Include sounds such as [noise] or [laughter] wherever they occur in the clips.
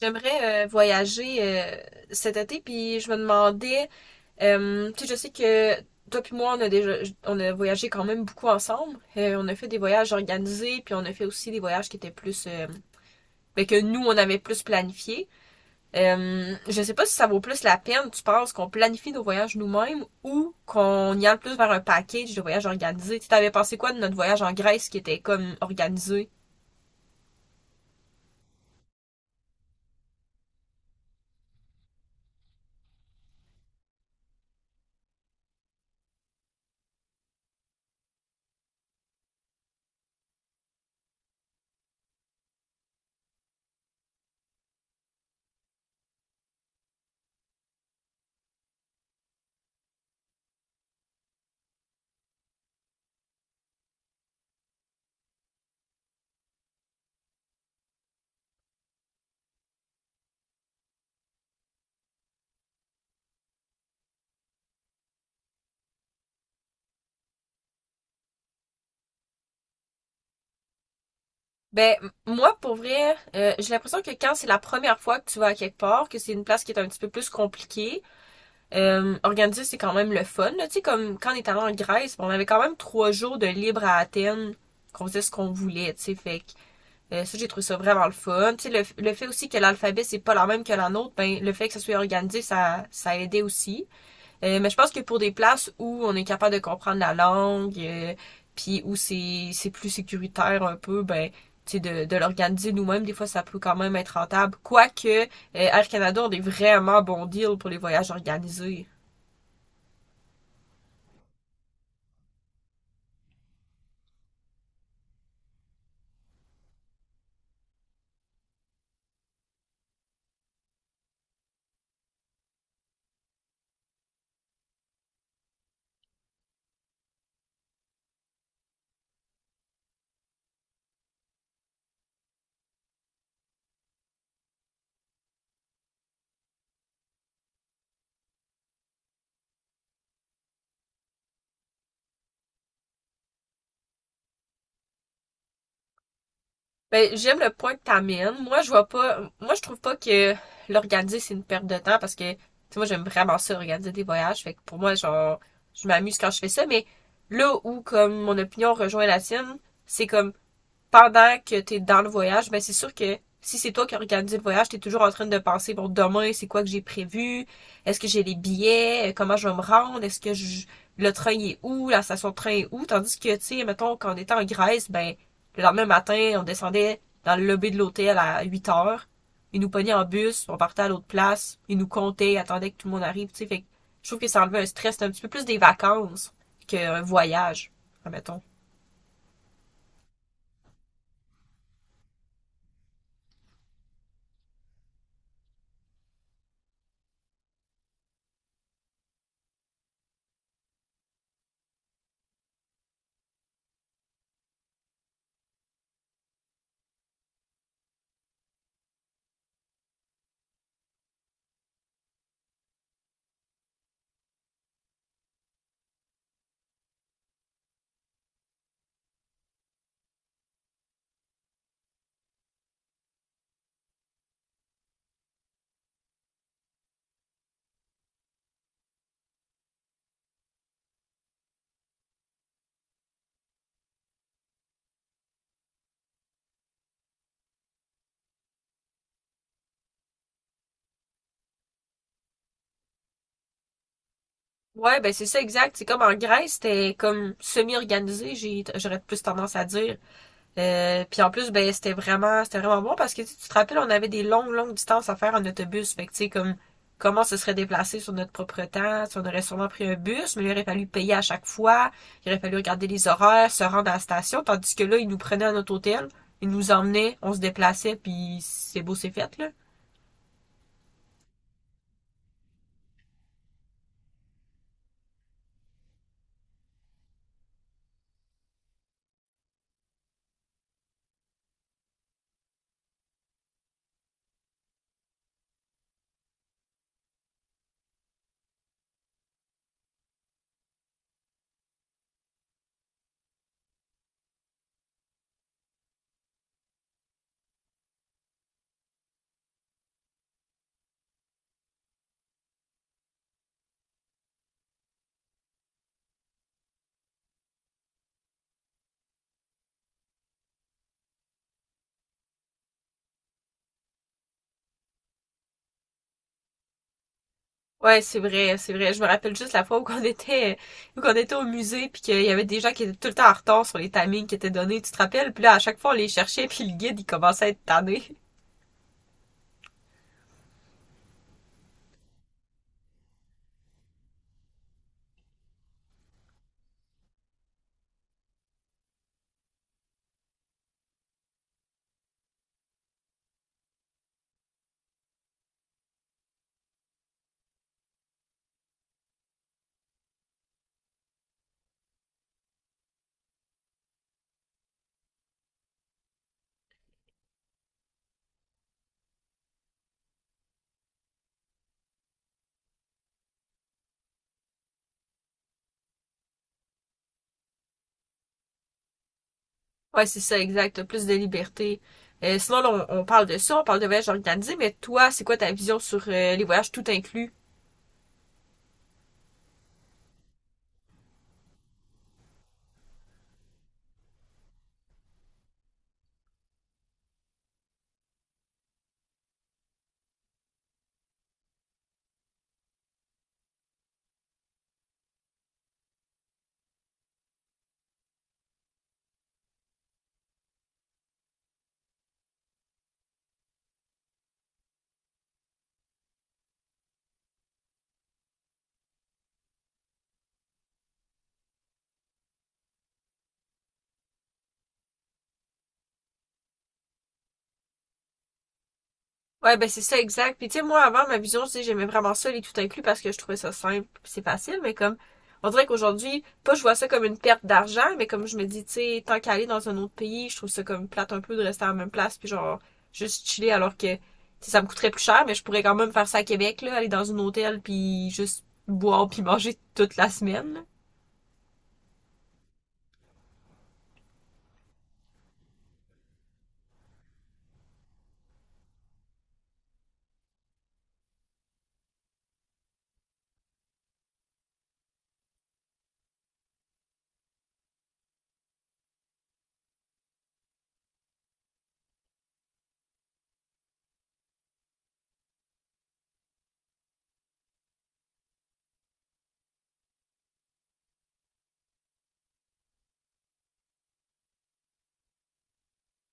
J'aimerais voyager cet été, puis je me demandais, tu sais, je sais que toi puis moi, on a voyagé quand même beaucoup ensemble. On a fait des voyages organisés, puis on a fait aussi des voyages qui étaient plus, ben, que nous, on avait plus planifié. Je sais pas si ça vaut plus la peine, tu penses, qu'on planifie nos voyages nous-mêmes ou qu'on y aille plus vers un package de voyages organisés. Tu t'avais pensé quoi de notre voyage en Grèce qui était comme organisé? Ben, moi, pour vrai, j'ai l'impression que quand c'est la première fois que tu vas à quelque part, que c'est une place qui est un petit peu plus compliquée, organiser, c'est quand même le fun, là. Tu sais, comme quand on est allé en Grèce, bon, on avait quand même 3 jours de libre à Athènes, qu'on faisait ce qu'on voulait, tu sais, fait que ça, j'ai trouvé ça vraiment le fun. Tu sais, le fait aussi que l'alphabet, c'est pas la même que la nôtre, ben, le fait que ça soit organisé, ça aidait aussi. Mais je pense que pour des places où on est capable de comprendre la langue, puis où c'est plus sécuritaire un peu, ben tu sais, de l'organiser nous-mêmes, des fois ça peut quand même être rentable. Quoique Air Canada, on est vraiment bon deal pour les voyages organisés. Ben, j'aime le point que t'amènes. Moi, je vois pas, moi, je trouve pas que l'organiser, c'est une perte de temps parce que, tu sais, moi, j'aime vraiment ça, organiser des voyages. Fait que pour moi, genre, je m'amuse quand je fais ça, mais là où, comme, mon opinion rejoint la tienne, c'est comme, pendant que t'es dans le voyage, ben c'est sûr que si c'est toi qui as organisé le voyage, t'es toujours en train de penser, bon, demain, c'est quoi que j'ai prévu? Est-ce que j'ai les billets? Comment je vais me rendre? Le train est où? La station de train est où? Tandis que, tu sais, mettons, quand on était en Grèce, ben, le lendemain matin, on descendait dans le lobby de l'hôtel à 8 heures. Ils nous pognaient en bus, on partait à l'autre place, ils nous comptaient, attendaient que tout le monde arrive, tu sais. Fait que je trouve que ça enlevait un stress, c'est un petit peu plus des vacances qu'un voyage, admettons. Ouais, ben c'est ça, exact. C'est comme en Grèce, c'était comme semi-organisé, j'aurais plus tendance à dire. Puis en plus, ben c'était vraiment bon parce que tu sais, tu te rappelles, on avait des longues, longues distances à faire en autobus. Fait que tu sais, comme comment se serait déplacé sur notre propre temps, tu sais, on aurait sûrement pris un bus, mais il aurait fallu payer à chaque fois, il aurait fallu regarder les horaires, se rendre à la station, tandis que là, ils nous prenaient à notre hôtel, ils nous emmenaient, on se déplaçait, puis c'est beau, c'est fait, là. Ouais, c'est vrai, c'est vrai. Je me rappelle juste la fois où qu'on était au musée, puis qu'il y avait des gens qui étaient tout le temps en retard sur les timings qui étaient donnés, tu te rappelles? Puis là, à chaque fois, on les cherchait, puis le guide, il commençait à être tanné. [laughs] Ouais, c'est ça, exact. T'as plus de liberté. Sinon, là, on parle de ça, on parle de voyage organisé, mais toi, c'est quoi ta vision sur les voyages tout inclus? Ouais, ben c'est ça, exact. Puis tu sais, moi, avant, ma vision, tu sais, j'aimais vraiment ça, les tout inclus, parce que je trouvais ça simple, puis c'est facile, mais comme, on dirait qu'aujourd'hui, pas je vois ça comme une perte d'argent, mais comme je me dis, tu sais, tant qu'à aller dans un autre pays, je trouve ça comme plate un peu de rester à la même place, puis genre, juste chiller, alors que, tu sais, ça me coûterait plus cher, mais je pourrais quand même faire ça à Québec, là, aller dans un hôtel, puis juste boire, puis manger toute la semaine, là.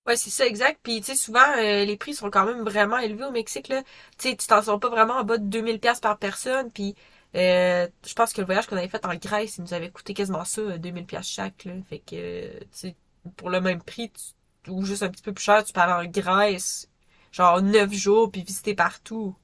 Ouais, c'est ça, exact. Puis, tu sais, souvent, les prix sont quand même vraiment élevés au Mexique, là. Tu sais, tu t'en sors pas vraiment en bas de 2000 pièces par personne. Puis, je pense que le voyage qu'on avait fait en Grèce, il nous avait coûté quasiment ça, 2000 pièces chaque, là. Fait que, tu sais, pour le même prix, ou juste un petit peu plus cher, tu peux aller en Grèce, genre 9 jours, puis visiter partout.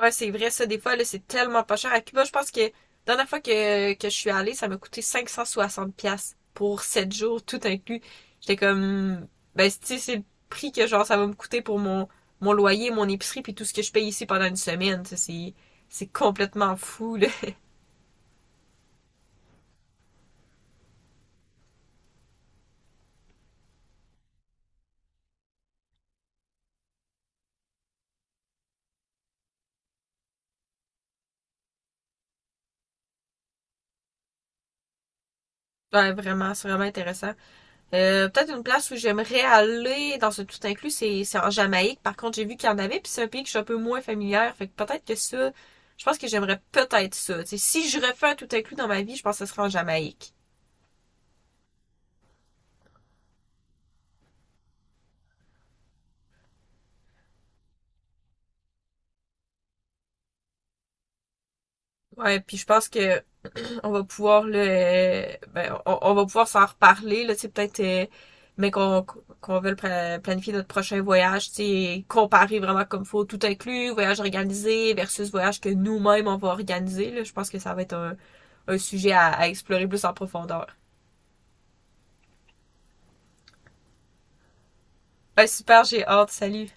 Ouais, c'est vrai, ça, des fois, là, c'est tellement pas cher. À Cuba, je pense que, la dernière fois que, je suis allée, ça m'a coûté 560$ piastres pour 7 jours, tout inclus. J'étais comme, ben, tu sais, c'est le prix que, genre, ça va me coûter pour mon loyer, mon épicerie, puis tout ce que je paye ici pendant une semaine. C'est complètement fou, là. Ouais, vraiment, c'est vraiment intéressant. Peut-être une place où j'aimerais aller dans ce tout inclus, c'est en Jamaïque. Par contre, j'ai vu qu'il y en avait, puis c'est un pays que je suis un peu moins familière. Fait que peut-être que ça, je pense que j'aimerais peut-être ça. T'sais, si je refais un tout inclus dans ma vie, je pense que ce serait en Jamaïque. Ouais, puis je pense que on va pouvoir le, ben, on va pouvoir s'en reparler là, tu sais, peut-être, mais qu'on veut planifier notre prochain voyage, tu sais, comparer vraiment comme faut, tout inclus, voyage organisé versus voyage que nous-mêmes on va organiser. Là, je pense que ça va être un sujet à explorer plus en profondeur. Ben, super, j'ai hâte. Salut.